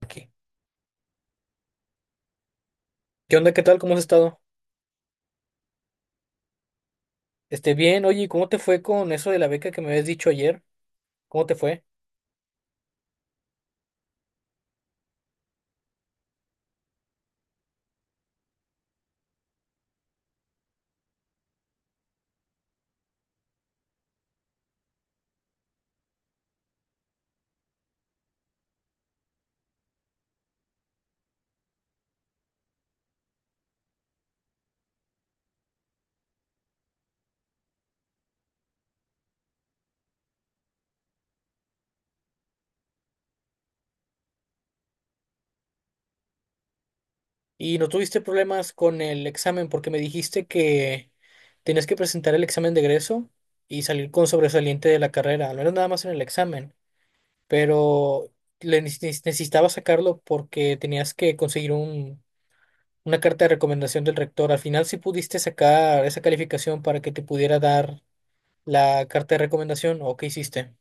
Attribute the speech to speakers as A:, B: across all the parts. A: Aquí. ¿Qué onda? ¿Qué tal? ¿Cómo has estado? Bien, oye, ¿y cómo te fue con eso de la beca que me habías dicho ayer? ¿Cómo te fue? ¿Y no tuviste problemas con el examen? Porque me dijiste que tenías que presentar el examen de egreso y salir con sobresaliente de la carrera. No era nada más en el examen, pero le necesitaba sacarlo porque tenías que conseguir una carta de recomendación del rector. Al final, ¿si pudiste sacar esa calificación para que te pudiera dar la carta de recomendación o qué hiciste?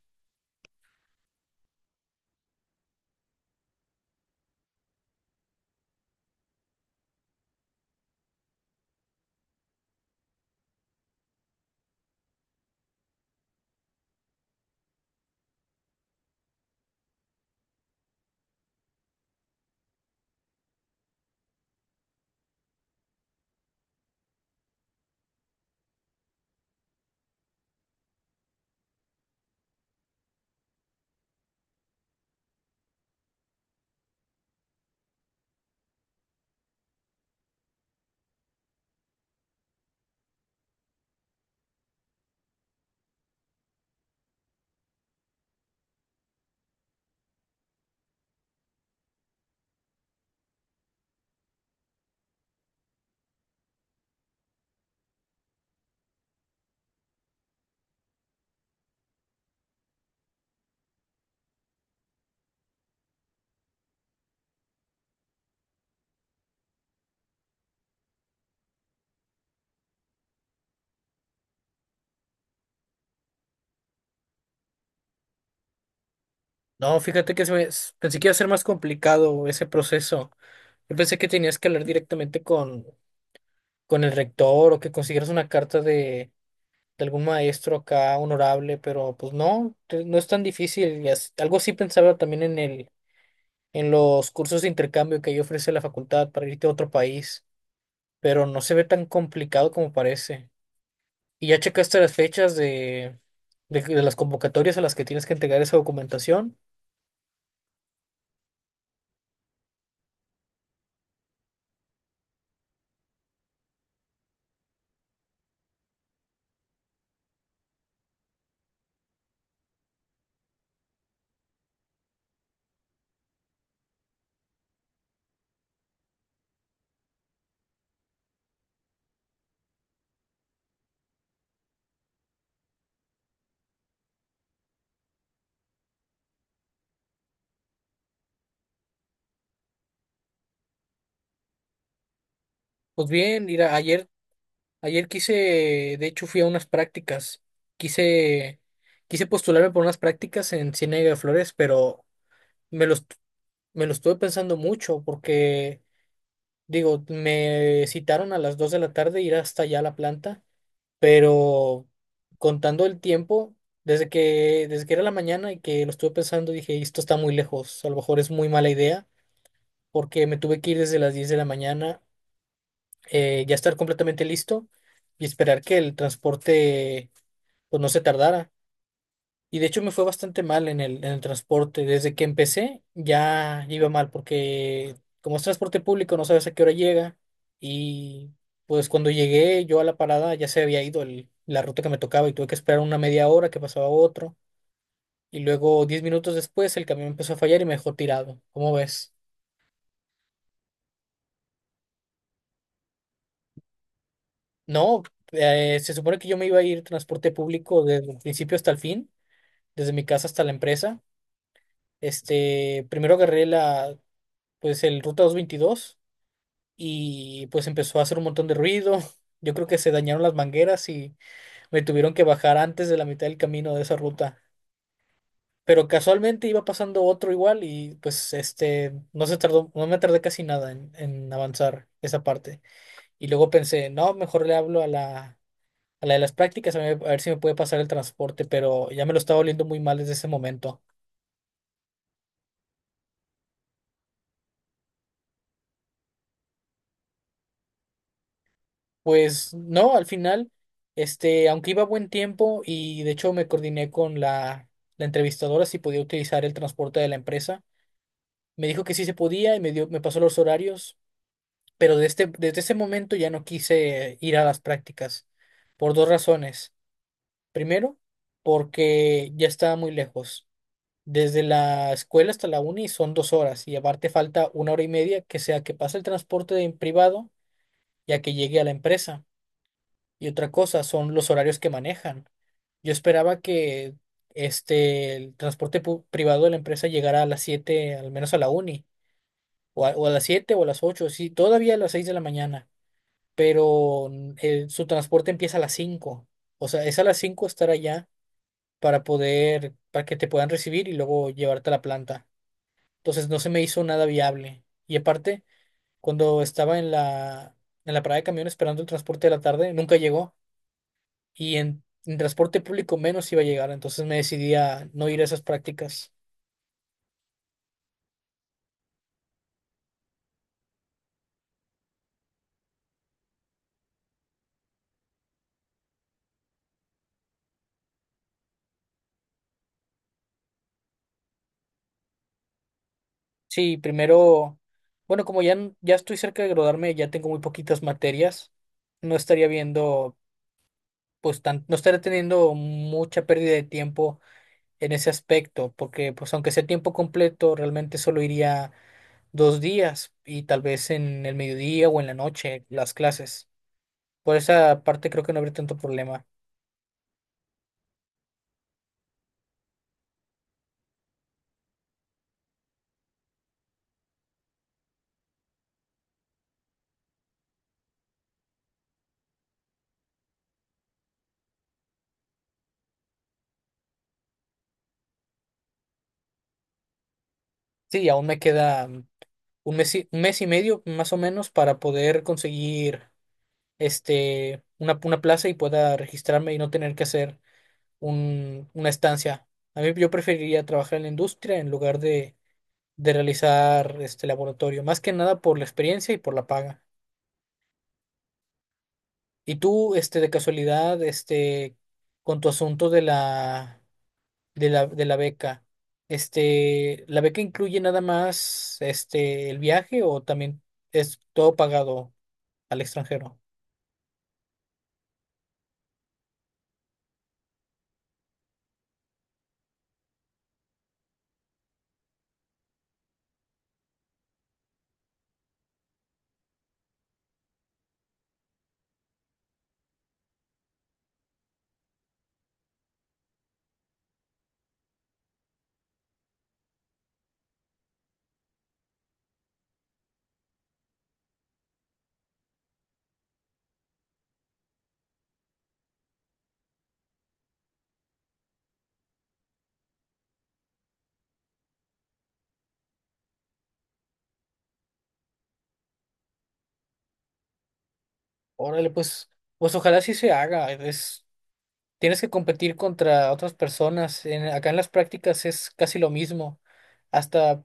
A: No, fíjate que pensé que iba a ser más complicado ese proceso. Yo pensé que tenías que hablar directamente con el rector o que consiguieras una carta de algún maestro acá honorable, pero pues no, no es tan difícil. Y algo sí pensaba también en en los cursos de intercambio que ahí ofrece la facultad para irte a otro país, pero no se ve tan complicado como parece. ¿Y ya checaste las fechas de las convocatorias a las que tienes que entregar esa documentación? Pues bien, mira, ayer quise, de hecho fui a unas prácticas, quise, quise postularme por unas prácticas en Ciénega de Flores, pero me los me lo estuve pensando mucho porque, digo, me citaron a las 2 de la tarde ir hasta allá a la planta, pero contando el tiempo, desde que era la mañana y que lo estuve pensando, dije, esto está muy lejos, a lo mejor es muy mala idea, porque me tuve que ir desde las 10 de la mañana, ya estar completamente listo y esperar que el transporte, pues no se tardara. Y de hecho me fue bastante mal en en el transporte. Desde que empecé ya iba mal porque como es transporte público no sabes a qué hora llega. Y pues cuando llegué yo a la parada ya se había ido la ruta que me tocaba y tuve que esperar una media hora que pasaba otro. Y luego 10 minutos después el camión empezó a fallar y me dejó tirado. ¿Cómo ves? No, se supone que yo me iba a ir transporte público desde el principio hasta el fin, desde mi casa hasta la empresa. Primero agarré pues el ruta 222 y pues empezó a hacer un montón de ruido. Yo creo que se dañaron las mangueras y me tuvieron que bajar antes de la mitad del camino de esa ruta. Pero casualmente iba pasando otro igual y pues este no se tardó, no me tardé casi nada en avanzar esa parte. Y luego pensé, no, mejor le hablo a a la de las prácticas a ver si me puede pasar el transporte, pero ya me lo estaba oliendo muy mal desde ese momento. Pues no, al final, aunque iba a buen tiempo y de hecho me coordiné con la entrevistadora si podía utilizar el transporte de la empresa. Me dijo que sí se podía y me dio, me pasó los horarios, pero desde ese momento ya no quise ir a las prácticas por dos razones. Primero, porque ya estaba muy lejos. Desde la escuela hasta la uni son 2 horas y aparte falta una hora y media que sea que pase el transporte en privado ya que llegue a la empresa. Y otra cosa son los horarios que manejan. Yo esperaba que el transporte privado de la empresa llegara a las 7 al menos a la uni, o o a las 7 o a las 8 sí, todavía a las 6 de la mañana, pero su transporte empieza a las 5. O sea, es a las 5 estar allá para poder, para que te puedan recibir y luego llevarte a la planta. Entonces no se me hizo nada viable. Y aparte, cuando estaba en en la parada de camión esperando el transporte de la tarde, nunca llegó. Y en transporte público menos iba a llegar, entonces me decidí a no ir a esas prácticas. Sí, primero, bueno, como ya, ya estoy cerca de graduarme, ya tengo muy poquitas materias, no estaría viendo, pues, tan, no estaría teniendo mucha pérdida de tiempo en ese aspecto, porque pues aunque sea tiempo completo, realmente solo iría 2 días y tal vez en el mediodía o en la noche las clases. Por esa parte creo que no habría tanto problema. Sí, aún me queda un mes y medio más o menos para poder conseguir una plaza y pueda registrarme y no tener que hacer una estancia. A mí yo preferiría trabajar en la industria en lugar de realizar este laboratorio, más que nada por la experiencia y por la paga. Y tú, de casualidad, con tu asunto de de la beca, este, ¿la beca incluye nada más, el viaje o también es todo pagado al extranjero? Órale, pues, pues ojalá sí se haga. Es, tienes que competir contra otras personas. Acá en las prácticas es casi lo mismo. Hasta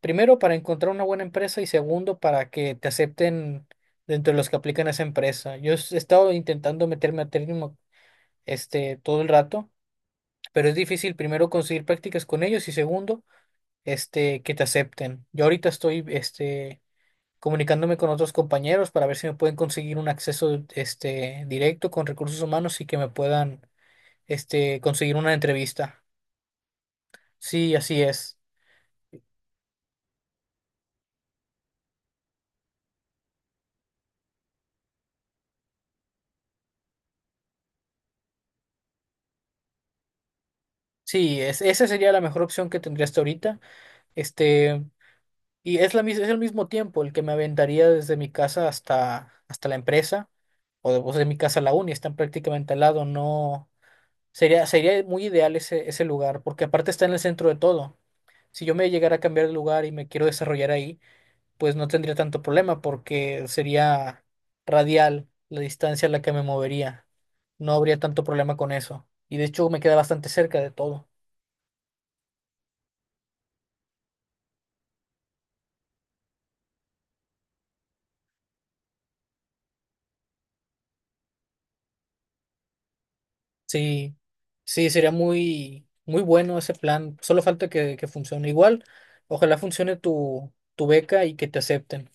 A: primero para encontrar una buena empresa y segundo para que te acepten dentro de los que aplican a esa empresa. Yo he estado intentando meterme a Termo todo el rato, pero es difícil primero conseguir prácticas con ellos y segundo, que te acepten. Yo ahorita estoy, comunicándome con otros compañeros para ver si me pueden conseguir un acceso directo con recursos humanos y que me puedan conseguir una entrevista. Sí, así es. Sí, es, esa sería la mejor opción que tendría hasta ahorita. Este, y es es el mismo tiempo el que me aventaría desde mi casa hasta la empresa o de mi casa a la uni, están prácticamente al lado, no sería, sería muy ideal ese lugar, porque aparte está en el centro de todo. Si yo me llegara a cambiar de lugar y me quiero desarrollar ahí, pues no tendría tanto problema porque sería radial la distancia a la que me movería. No habría tanto problema con eso. Y de hecho me queda bastante cerca de todo. Sí, sí, sería muy, muy bueno ese plan. Solo falta que funcione. Igual, ojalá funcione tu beca y que te acepten.